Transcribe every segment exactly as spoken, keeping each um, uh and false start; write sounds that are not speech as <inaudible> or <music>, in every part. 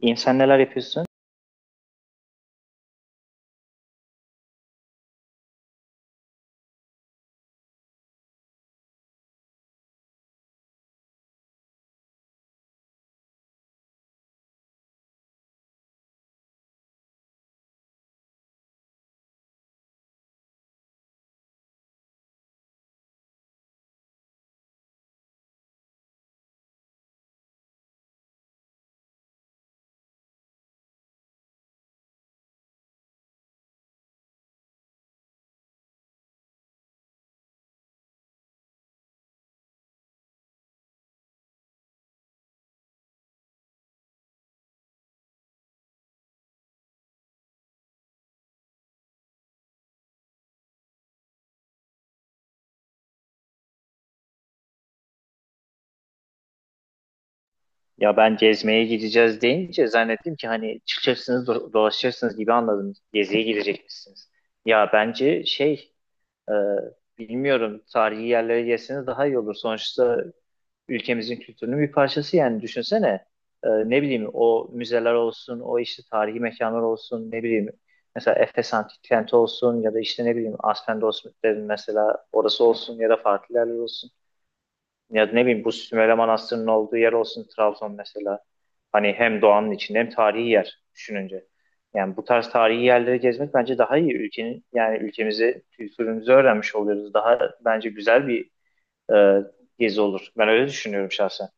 İnsan neler yapıyorsun? Ya ben gezmeye gideceğiz deyince zannettim ki hani çıkacaksınız do- dolaşacaksınız gibi anladım. Geziye gidecekmişsiniz. Ya bence şey e, bilmiyorum, tarihi yerlere gelseniz daha iyi olur. Sonuçta ülkemizin kültürünün bir parçası, yani düşünsene. E, ne bileyim, o müzeler olsun, o işte tarihi mekanlar olsun, ne bileyim mesela Efes Antik Kenti olsun ya da işte ne bileyim Aspendos mesela orası olsun ya da farklı yerler olsun. Ya ne bileyim bu Sümele Manastırı'nın olduğu yer olsun, Trabzon mesela. Hani hem doğanın içinde hem tarihi yer düşününce. Yani bu tarz tarihi yerleri gezmek bence daha iyi. Ülkenin yani ülkemizi, kültürümüzü öğrenmiş oluyoruz. Daha bence güzel bir e, gezi olur. Ben öyle düşünüyorum şahsen.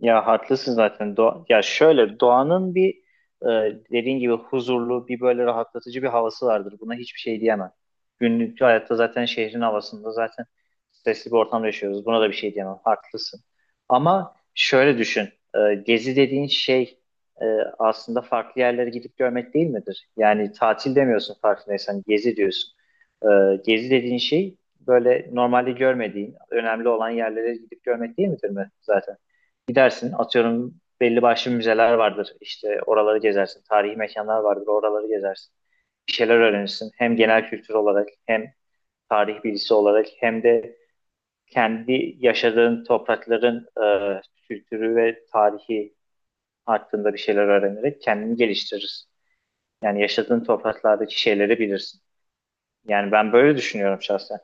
Ya haklısın zaten. Doğa, ya şöyle doğanın bir e, dediğin gibi huzurlu bir böyle rahatlatıcı bir havası vardır. Buna hiçbir şey diyemem. Günlük hayatta zaten şehrin havasında zaten stresli bir ortamda yaşıyoruz. Buna da bir şey diyemem. Haklısın. Ama şöyle düşün. E, gezi dediğin şey e, aslında farklı yerlere gidip görmek değil midir? Yani tatil demiyorsun farkındaysan. Gezi diyorsun. E, gezi dediğin şey böyle normalde görmediğin, önemli olan yerlere gidip görmek değil midir mi zaten? Gidersin, atıyorum belli başlı müzeler vardır. İşte oraları gezersin. Tarihi mekanlar vardır. Oraları gezersin. Bir şeyler öğrenirsin. Hem genel kültür olarak, hem tarih bilgisi olarak, hem de kendi yaşadığın toprakların e, kültürü ve tarihi hakkında bir şeyler öğrenerek kendini geliştirirsin. Yani yaşadığın topraklardaki şeyleri bilirsin. Yani ben böyle düşünüyorum şahsen.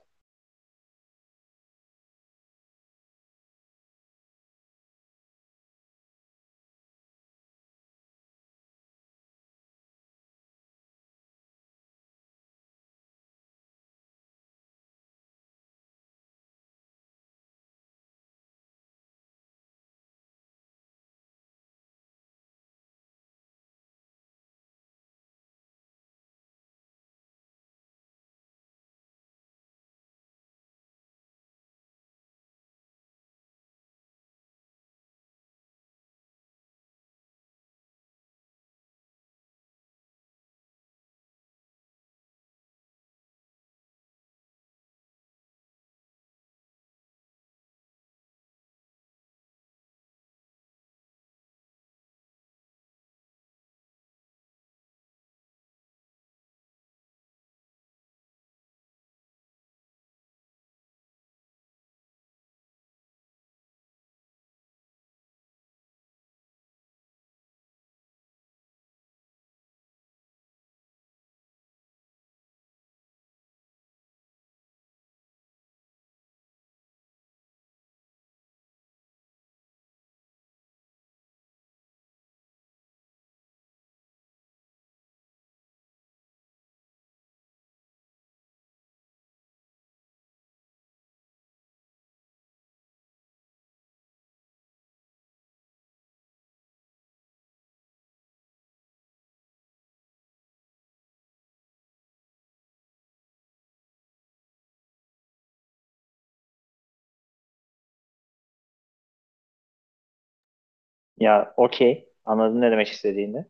Ya okey, anladın ne demek istediğini.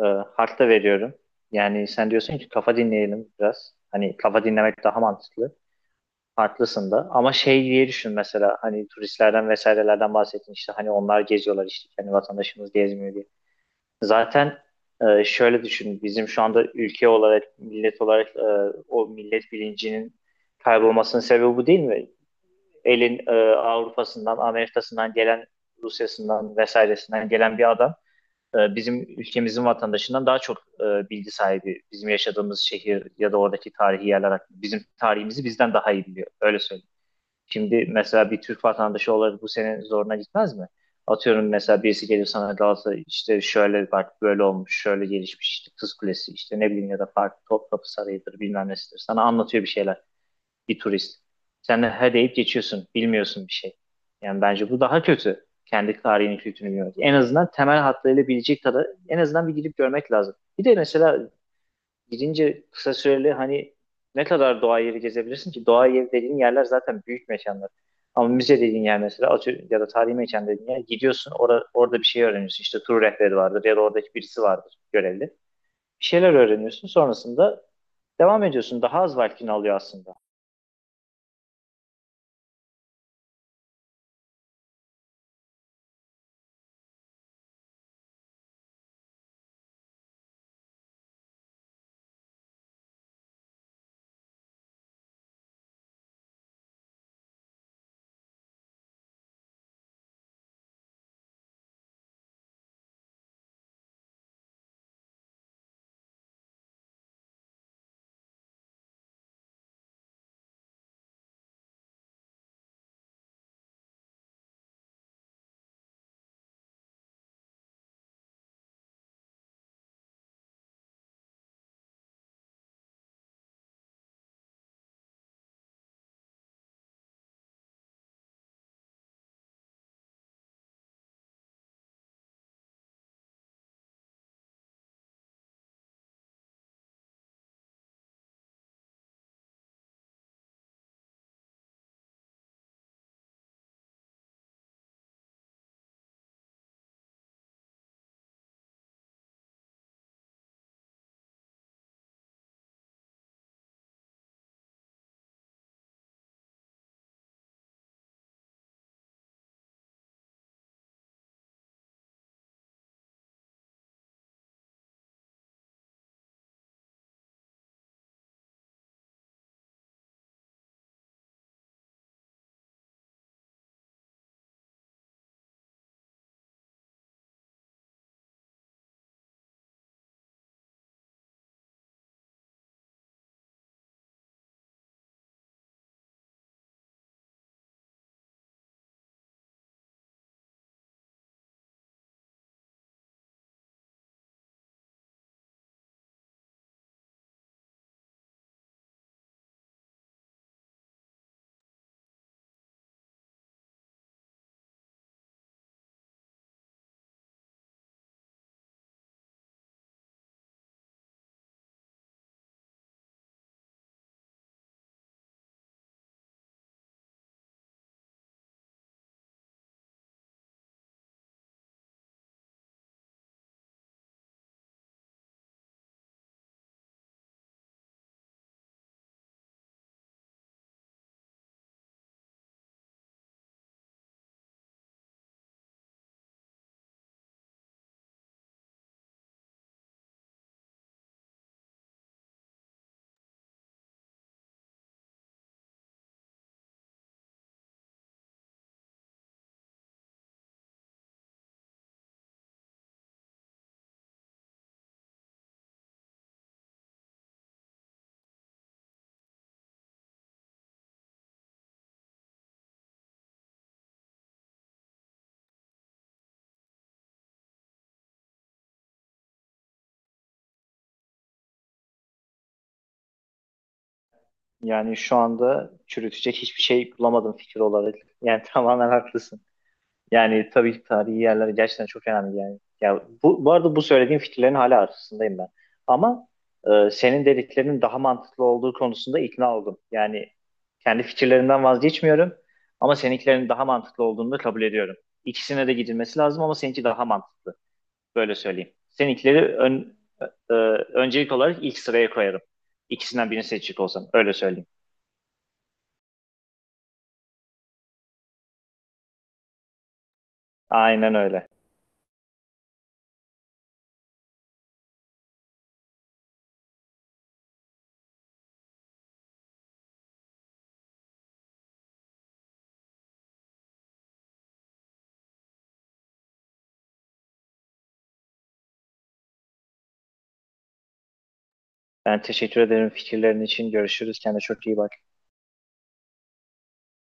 e, Hak veriyorum. Yani sen diyorsun ki kafa dinleyelim biraz. Hani kafa dinlemek daha mantıklı. Haklısın da. Ama şey diye düşün mesela, hani turistlerden vesairelerden bahsettin işte, hani onlar geziyorlar işte, hani vatandaşımız gezmiyor diye. Zaten e, şöyle düşün, bizim şu anda ülke olarak, millet olarak, e, o millet bilincinin kaybolmasının sebebi bu değil mi? Elin e, Avrupa'sından, Amerika'sından gelen, Rusya'sından vesairesinden gelen bir adam e, bizim ülkemizin vatandaşından daha çok e, bilgi sahibi. Bizim yaşadığımız şehir ya da oradaki tarihi yerler hakkında. Bizim tarihimizi bizden daha iyi biliyor. Öyle söyleyeyim. Şimdi mesela bir Türk vatandaşı olarak bu senin zoruna gitmez mi? Atıyorum mesela birisi gelir sana, Galatasaray işte şöyle bak böyle olmuş, şöyle gelişmiş, işte Kız Kulesi, işte ne bileyim, ya da farklı Topkapı Sarayı'dır, bilmem nesidir. Sana anlatıyor bir şeyler bir turist. Sen de he deyip geçiyorsun. Bilmiyorsun bir şey. Yani bence bu daha kötü. Kendi tarihini, kültürünü bilmiyoruz. En azından temel hatlarıyla bilecek kadar en azından bir gidip görmek lazım. Bir de mesela gidince kısa süreli, hani ne kadar doğa yeri gezebilirsin ki? Doğa yeri dediğin yerler zaten büyük mekanlar. Ama müze dediğin yer mesela atıyorum, ya da tarihi mekan dediğin yer, gidiyorsun or orada bir şey öğreniyorsun. İşte tur rehberi vardır ya da oradaki birisi vardır görevli. Bir şeyler öğreniyorsun, sonrasında devam ediyorsun. Daha az vaktini alıyor aslında. Yani şu anda çürütecek hiçbir şey bulamadım fikir olarak. Yani <laughs> tamamen haklısın. Yani tabii ki tarihi yerler gerçekten çok önemli yani. Ya bu, bu arada bu söylediğim fikirlerin hala arasındayım ben. Ama e, senin dediklerinin daha mantıklı olduğu konusunda ikna oldum. Yani kendi fikirlerimden vazgeçmiyorum, ama seninkilerin daha mantıklı olduğunu da kabul ediyorum. İkisine de gidilmesi lazım, ama seninki daha mantıklı. Böyle söyleyeyim. Seninkileri ön, e, öncelik olarak ilk sıraya koyarım. İkisinden birini seçecek olsam. Öyle söyleyeyim. Aynen öyle. Ben teşekkür ederim fikirlerin için. Görüşürüz. Kendine çok iyi bak.